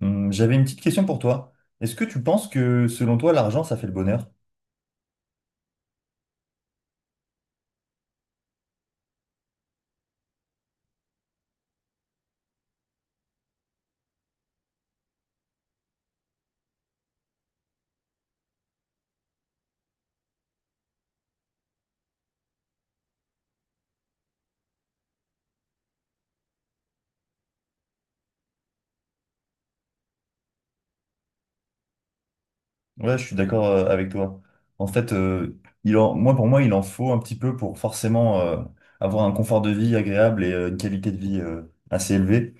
J'avais une petite question pour toi. Est-ce que tu penses que selon toi, l'argent, ça fait le bonheur? Ouais, je suis d'accord avec toi. En fait, moi, pour moi, il en faut un petit peu pour forcément avoir un confort de vie agréable et une qualité de vie assez élevée.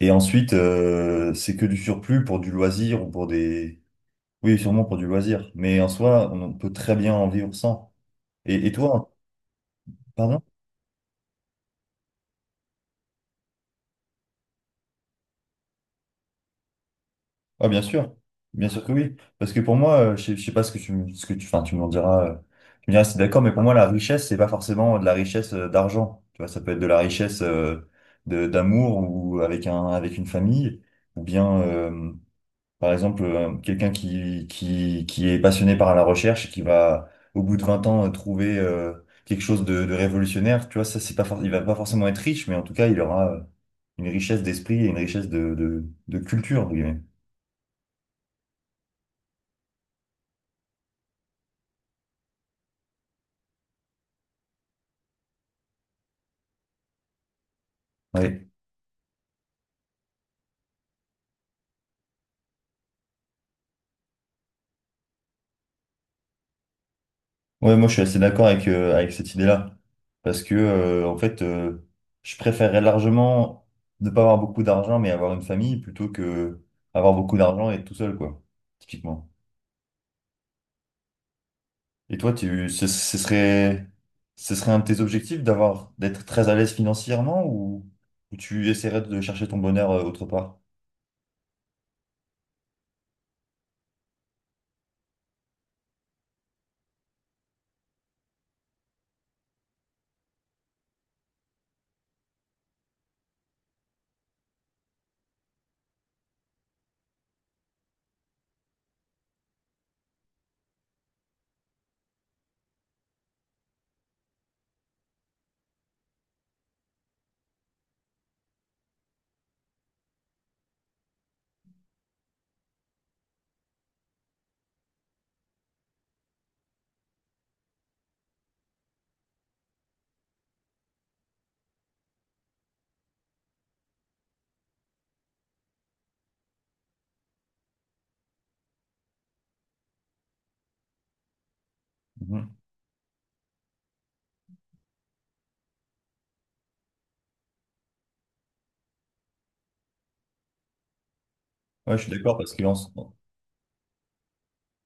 Et ensuite, c'est que du surplus pour du loisir ou pour des. Oui, sûrement pour du loisir. Mais en soi, on peut très bien en vivre sans. Et toi, pardon? Ah, bien sûr que oui. Parce que pour moi, je sais pas ce que ce que tu, enfin, tu m'en diras, tu me diras si t'es d'accord, mais pour moi, la richesse, c'est pas forcément de la richesse d'argent. Tu vois, ça peut être de la richesse d'amour ou avec une famille, ou bien, par exemple, quelqu'un qui est passionné par la recherche, et qui va, au bout de 20 ans, trouver quelque chose de révolutionnaire. Tu vois, ça, c'est pas, il va pas forcément être riche, mais en tout cas, il aura une richesse d'esprit et une richesse de culture, entre guillemets. Oui. Ouais, moi je suis assez d'accord avec cette idée-là. Parce que, en fait, je préférerais largement ne pas avoir beaucoup d'argent, mais avoir une famille, plutôt que avoir beaucoup d'argent et être tout seul, quoi, typiquement. Et toi, tu, ce, ce serait un de tes objectifs d'avoir, d'être très à l'aise financièrement ou tu essaierais de chercher ton bonheur autre part? Mhm. Ouais, je suis d'accord parce que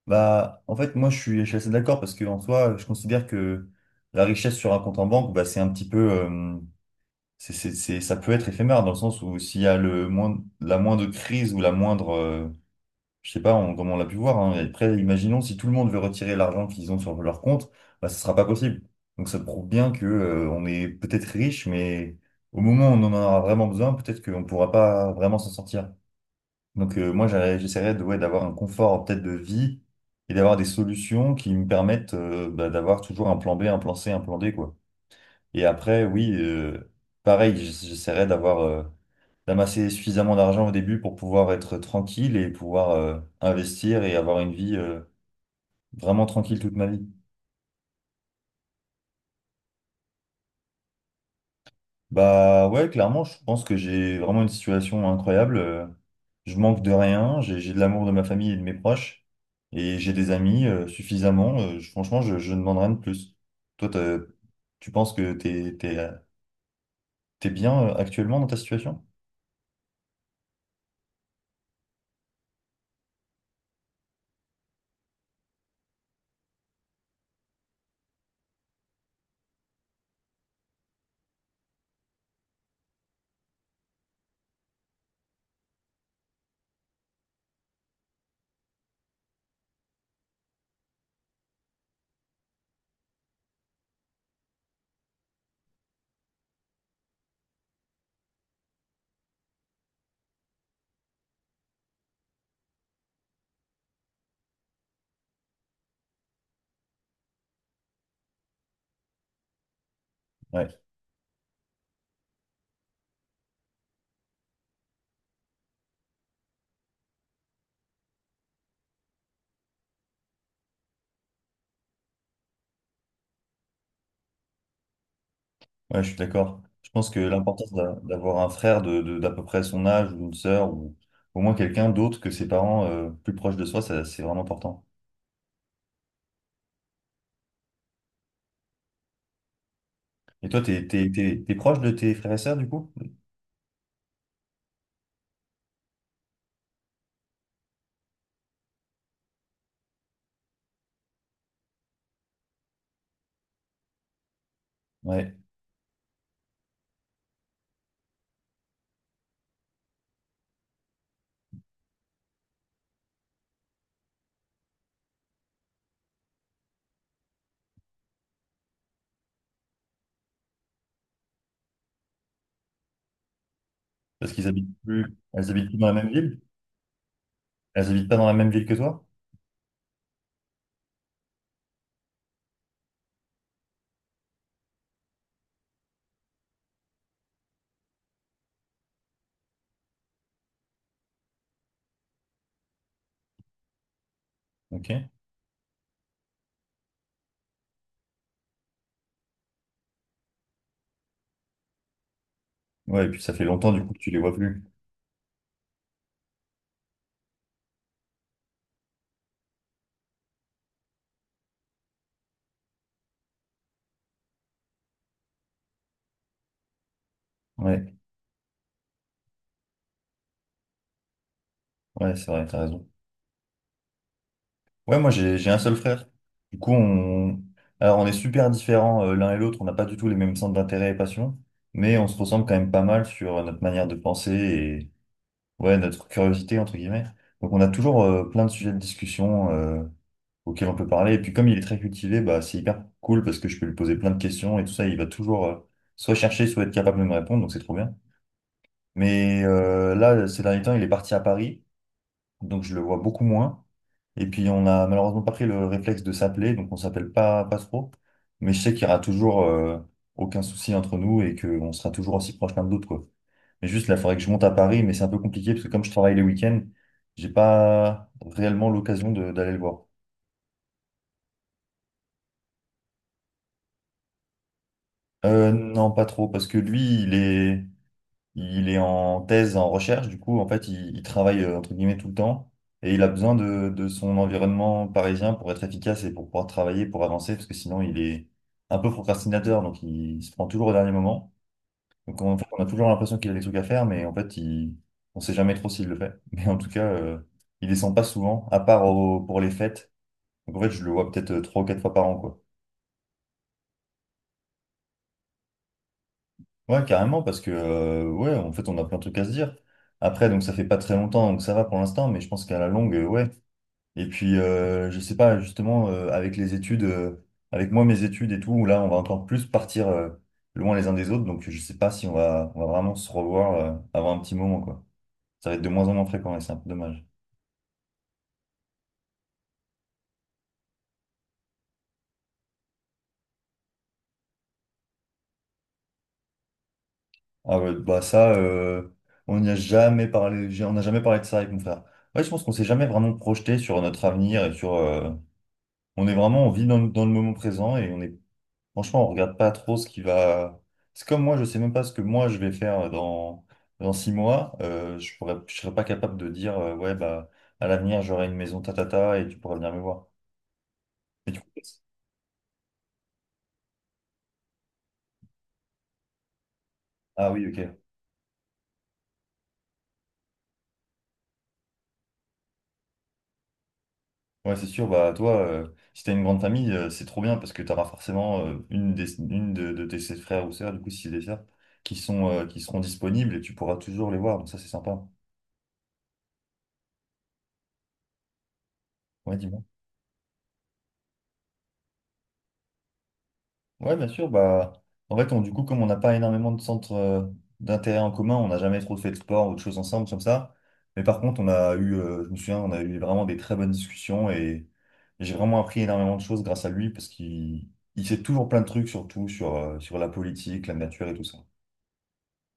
bah, en fait, moi, je suis assez d'accord parce que en soi, je considère que la richesse sur un compte en banque, bah, c'est un petit peu, ça peut être éphémère dans le sens où s'il y a le moindre, la moindre crise ou la moindre, je sais pas, comme on l'a pu voir, hein, et après, imaginons si tout le monde veut retirer l'argent qu'ils ont sur leur compte, bah, ce sera pas possible. Donc ça prouve bien que, on est peut-être riche, mais au moment où on en aura vraiment besoin, peut-être qu'on pourra pas vraiment s'en sortir. Donc moi, j'essaierais de, ouais, d'avoir un confort peut-être de vie et d'avoir des solutions qui me permettent, bah, d'avoir toujours un plan B, un plan C, un plan D, quoi. Et après, oui, pareil, j'essaierai d'avoir, d'amasser suffisamment d'argent au début pour pouvoir être tranquille et pouvoir, investir et avoir une vie, vraiment tranquille toute ma vie. Bah ouais, clairement, je pense que j'ai vraiment une situation incroyable. Je manque de rien, j'ai de l'amour de ma famille et de mes proches, et j'ai des amis suffisamment. Franchement, je ne demande rien de plus. Toi, tu penses que t'es bien actuellement dans ta situation? Ouais. Ouais, je suis d'accord. Je pense que l'importance d'avoir un frère d'à peu près son âge ou une sœur ou au moins quelqu'un d'autre que ses parents plus proche de soi, ça, c'est vraiment important. Et toi, t'es proche de tes frères et sœurs du coup? Ouais, parce qu'ils habitent plus, elles habitent plus dans la même ville? Elles habitent pas dans la même ville que toi? Ok. Ouais, et puis ça fait longtemps du coup que tu les vois plus. Ouais, ouais, c'est vrai, t'as raison. Ouais, moi j'ai un seul frère. Du coup, alors on est super différents l'un et l'autre, on n'a pas du tout les mêmes centres d'intérêt et passions, mais on se ressemble quand même pas mal sur notre manière de penser et ouais, notre curiosité, entre guillemets. Donc on a toujours plein de sujets de discussion auxquels on peut parler. Et puis comme il est très cultivé, bah, c'est hyper cool parce que je peux lui poser plein de questions et tout ça, il va toujours soit chercher, soit être capable de me répondre, donc c'est trop bien. Mais là, ces derniers temps, il est parti à Paris donc je le vois beaucoup moins. Et puis on a malheureusement pas pris le réflexe de s'appeler, donc on s'appelle pas, pas trop. Mais je sais qu'il y aura toujours aucun souci entre nous et qu'on sera toujours aussi proches l'un de l'autre, quoi. Mais juste là, il faudrait que je monte à Paris, mais c'est un peu compliqué parce que comme je travaille les week-ends, j'ai pas réellement l'occasion d'aller le voir. Non, pas trop, parce que lui, il est. Il est en thèse, en recherche, du coup, en fait, il travaille entre guillemets tout le temps et il a besoin de son environnement parisien pour être efficace et pour pouvoir travailler, pour avancer, parce que sinon, il est un peu procrastinateur, donc se prend toujours au dernier moment. Donc, en fait, on a toujours l'impression qu'il a des trucs à faire, mais en fait, on sait jamais trop s'il le fait. Mais en tout cas, il descend pas souvent, à part pour les fêtes. Donc, en fait, je le vois peut-être trois ou quatre fois par an, quoi. Ouais, carrément, parce que, ouais, en fait, on a plein de trucs à se dire. Après, donc, ça fait pas très longtemps, donc ça va pour l'instant, mais je pense qu'à la longue, ouais. Et puis, je sais pas, justement, avec les études, avec moi, mes études et tout, là, on va encore plus partir, loin les uns des autres, donc je sais pas si on va vraiment se revoir, avant un petit moment, quoi. Ça va être de moins en moins fréquent et c'est un peu dommage. Ah ouais, bah ça, on n'y a jamais parlé, on n'a jamais parlé de ça avec mon frère. Ouais, je pense qu'on s'est jamais vraiment projeté sur notre avenir et sur, on est vraiment, on vit dans le moment présent et on est, franchement, on regarde pas trop ce qui va. C'est comme moi, je sais même pas ce que moi je vais faire dans, 6 mois. Je serais pas capable de dire, ouais, bah, à l'avenir, j'aurai une maison tatata et tu pourras venir me voir. Mais du coup, ah oui, ok. Ouais, c'est sûr, bah, toi, si t'as une grande famille, c'est trop bien parce que t'auras forcément une de tes sept frères ou sœurs, du coup, si c'est des sœurs, qui sont, qui seront disponibles et tu pourras toujours les voir. Donc, ça, c'est sympa. Ouais, dis Ouais, bien sûr. Bah, en fait, du coup, comme on n'a pas énormément de centres d'intérêt en commun, on n'a jamais trop fait de sport ou de choses ensemble comme ça. Mais par contre, on a eu, je me souviens, on a eu vraiment des très bonnes discussions et j'ai vraiment appris énormément de choses grâce à lui parce qu'il sait toujours plein de trucs, surtout sur, sur la politique, la nature et tout ça.